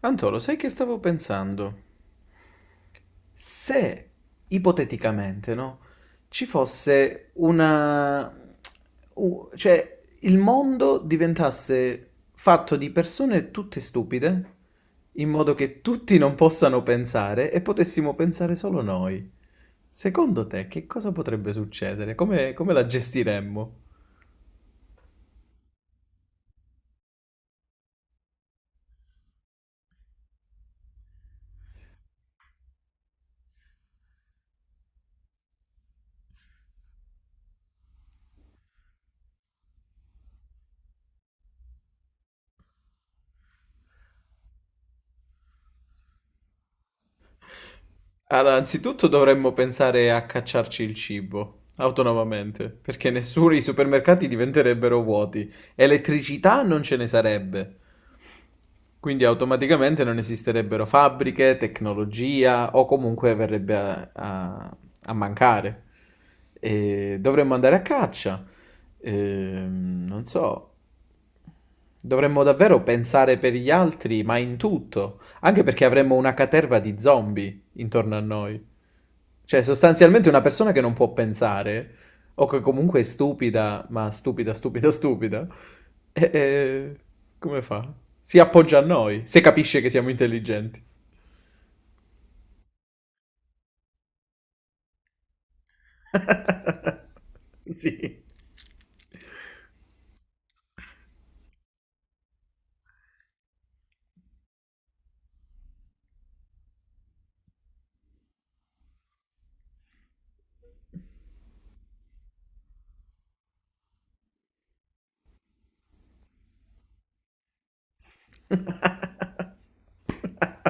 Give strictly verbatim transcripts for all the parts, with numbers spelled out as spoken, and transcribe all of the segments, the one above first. Antolo, sai che stavo pensando? Se, ipoteticamente, no, ci fosse una... u- cioè, il mondo diventasse fatto di persone tutte stupide, in modo che tutti non possano pensare e potessimo pensare solo noi. Secondo te, che cosa potrebbe succedere? Come, come la gestiremmo? Allora, anzitutto dovremmo pensare a cacciarci il cibo autonomamente, perché nessuno i supermercati diventerebbero vuoti, elettricità non ce ne sarebbe. Quindi automaticamente non esisterebbero fabbriche, tecnologia o comunque verrebbe a, a- a mancare. E dovremmo andare a caccia. Ehm, non so, dovremmo davvero pensare per gli altri, ma in tutto, anche perché avremmo una caterva di zombie intorno a noi. Cioè, sostanzialmente una persona che non può pensare, o che comunque è stupida, ma stupida, stupida, stupida, e- e come fa? Si appoggia a noi, se capisce che siamo intelligenti. Sì,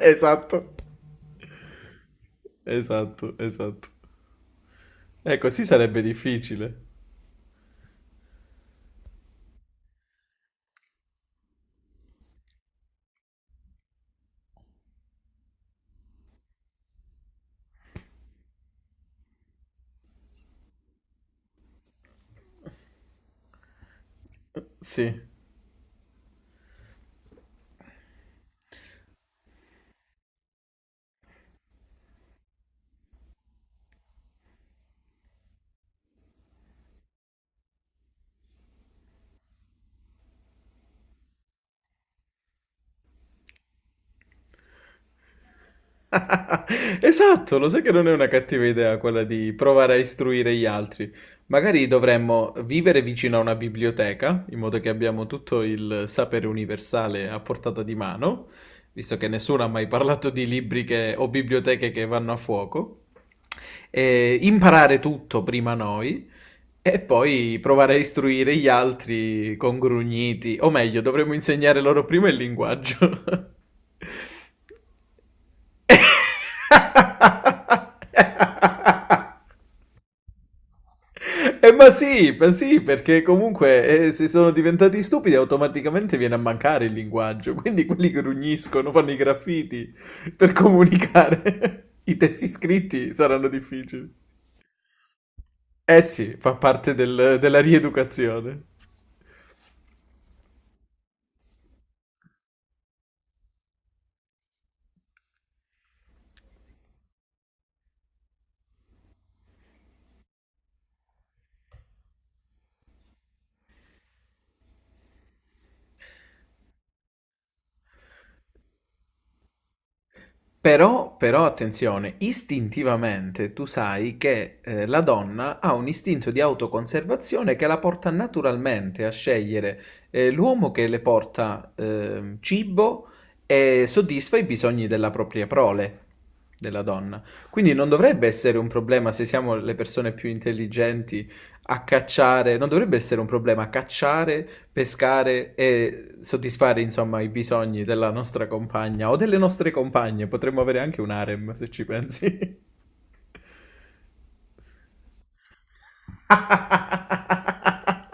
esatto, esatto, esatto. Ecco, sì, sarebbe difficile. Sì. Esatto, lo sai che non è una cattiva idea quella di provare a istruire gli altri. Magari dovremmo vivere vicino a una biblioteca, in modo che abbiamo tutto il sapere universale a portata di mano, visto che nessuno ha mai parlato di libri che- o biblioteche che vanno a fuoco. E imparare tutto prima noi e poi provare a istruire gli altri con grugniti, o meglio, dovremmo insegnare loro prima il linguaggio. Eh, ma sì, ma sì, perché comunque eh, se sono diventati stupidi automaticamente viene a mancare il linguaggio, quindi quelli che grugniscono, fanno i graffiti per comunicare, i testi scritti saranno difficili. Eh sì, fa parte del- della rieducazione. Però, però attenzione, istintivamente tu sai che eh, la donna ha un istinto di autoconservazione che la porta naturalmente a scegliere eh, l'uomo che le porta ehm, cibo e soddisfa i bisogni della propria prole, della donna. Quindi non dovrebbe essere un problema se siamo le persone più intelligenti a cacciare, non dovrebbe essere un problema cacciare, pescare e soddisfare insomma i bisogni della nostra compagna o delle nostre compagne. Potremmo avere anche un harem se ci pensi.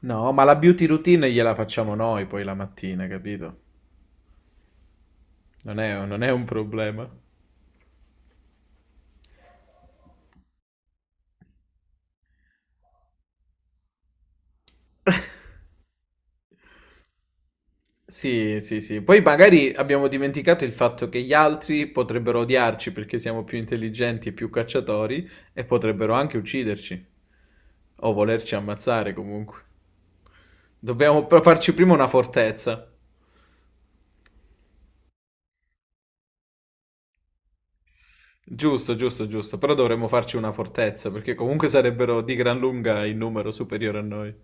No, ma la beauty routine gliela facciamo noi poi la mattina, capito? Non è, non è un problema. Sì, sì, sì. Poi magari abbiamo dimenticato il fatto che gli altri potrebbero odiarci perché siamo più intelligenti e più cacciatori e potrebbero anche ucciderci o volerci ammazzare comunque. Dobbiamo però farci prima una fortezza. Giusto, giusto, giusto. Però dovremmo farci una fortezza perché comunque sarebbero di gran lunga in numero superiore a noi.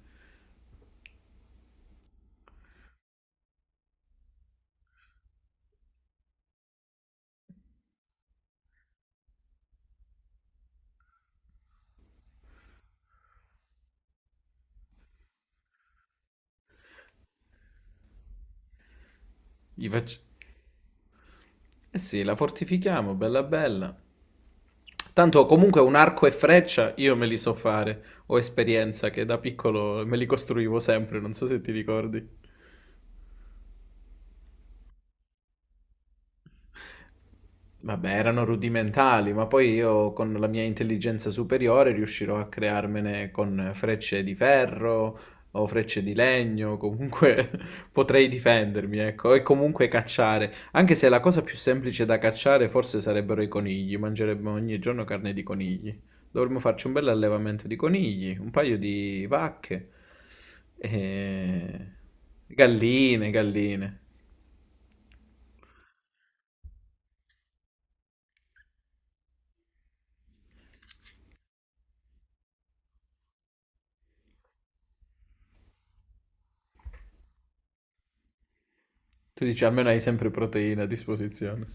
Gli fac- Eh sì, la fortifichiamo, bella bella. Tanto comunque un arco e freccia io me li so fare, ho esperienza che da piccolo me li costruivo sempre, non so se ti ricordi. Vabbè, erano rudimentali, ma poi io con la mia intelligenza superiore riuscirò a crearmene con frecce di ferro o frecce di legno, comunque potrei difendermi, ecco, e comunque cacciare. Anche se la cosa più semplice da cacciare forse sarebbero i conigli, mangeremmo ogni giorno carne di conigli. Dovremmo farci un bel allevamento di conigli, un paio di vacche, e... galline, galline. Tu dici, almeno hai sempre proteine a disposizione.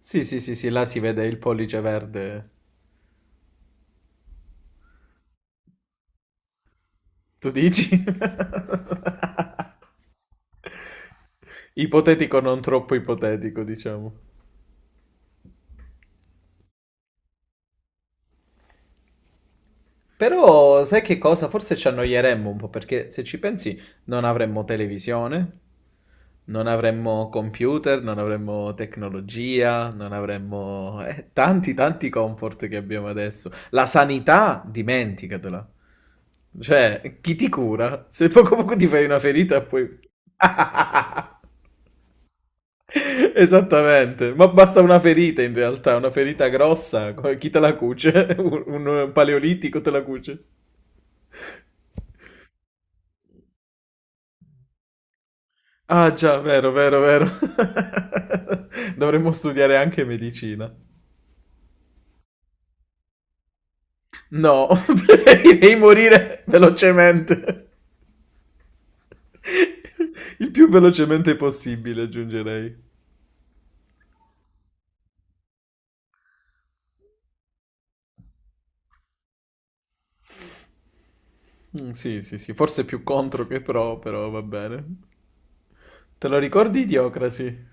Sì, sì, sì, sì, là si vede il pollice verde. Tu dici? Ipotetico, non troppo ipotetico, diciamo. Però sai che cosa? Forse ci annoieremmo un po' perché se ci pensi non avremmo televisione, non avremmo computer, non avremmo tecnologia, non avremmo eh, tanti tanti comfort che abbiamo adesso. La sanità, dimenticatela. Cioè, chi ti cura? Se poco poco ti fai una ferita, poi... Esattamente, ma basta una ferita in realtà, una ferita grossa. co- Chi te la cuce? Un, un paleolitico te la cuce. Ah già, vero, vero, vero. Dovremmo studiare anche medicina. No, preferirei morire velocemente. Il più velocemente possibile, aggiungerei. Mm, sì, sì, sì, forse più contro che pro, però va bene. Te lo ricordi Idiocracy?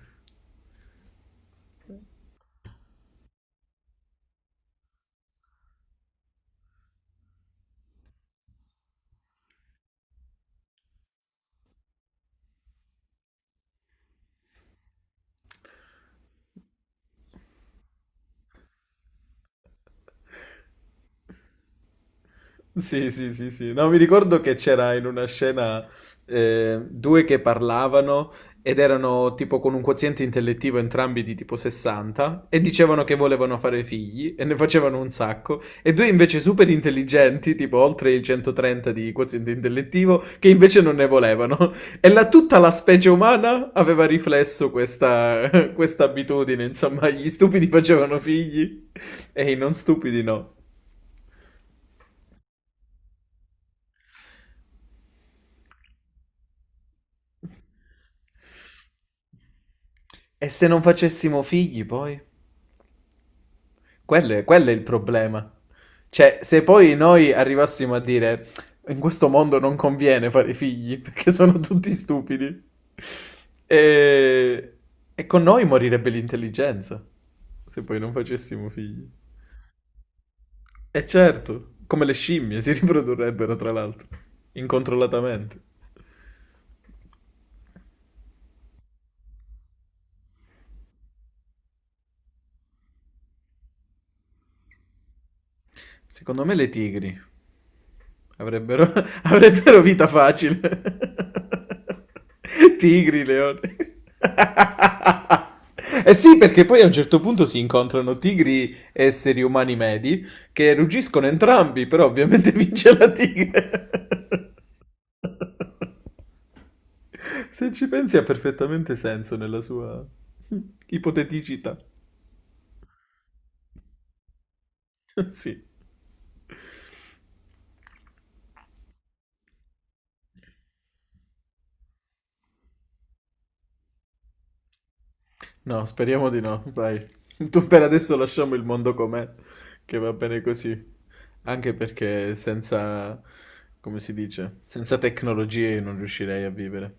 Sì, sì, sì, sì. No, mi ricordo che c'era in una scena eh, due che parlavano ed erano tipo con un quoziente intellettivo entrambi di tipo sessanta e dicevano che volevano fare figli e ne facevano un sacco e due invece super intelligenti, tipo oltre il centotrenta di quoziente intellettivo, che invece non ne volevano. E la, tutta la specie umana aveva riflesso questa, questa abitudine, insomma, gli stupidi facevano figli e i non stupidi no. E se non facessimo figli poi? Quello è, quello è il problema. Cioè, se poi noi arrivassimo a dire in questo mondo non conviene fare figli perché sono tutti stupidi, e, e con noi morirebbe l'intelligenza se poi non facessimo figli. E certo, come le scimmie si riprodurrebbero tra l'altro, incontrollatamente. Secondo me le tigri. Avrebbero, avrebbero vita facile. Tigri, leoni. Eh sì, perché poi a un certo punto si incontrano tigri e esseri umani medi che ruggiscono entrambi, però ovviamente vince la tigre. Se ci pensi ha perfettamente senso nella sua ipoteticità. Sì. No, speriamo di no, dai. Tu per adesso lasciamo il mondo com'è, che va bene così. Anche perché senza, come si dice, senza tecnologie io non riuscirei a vivere.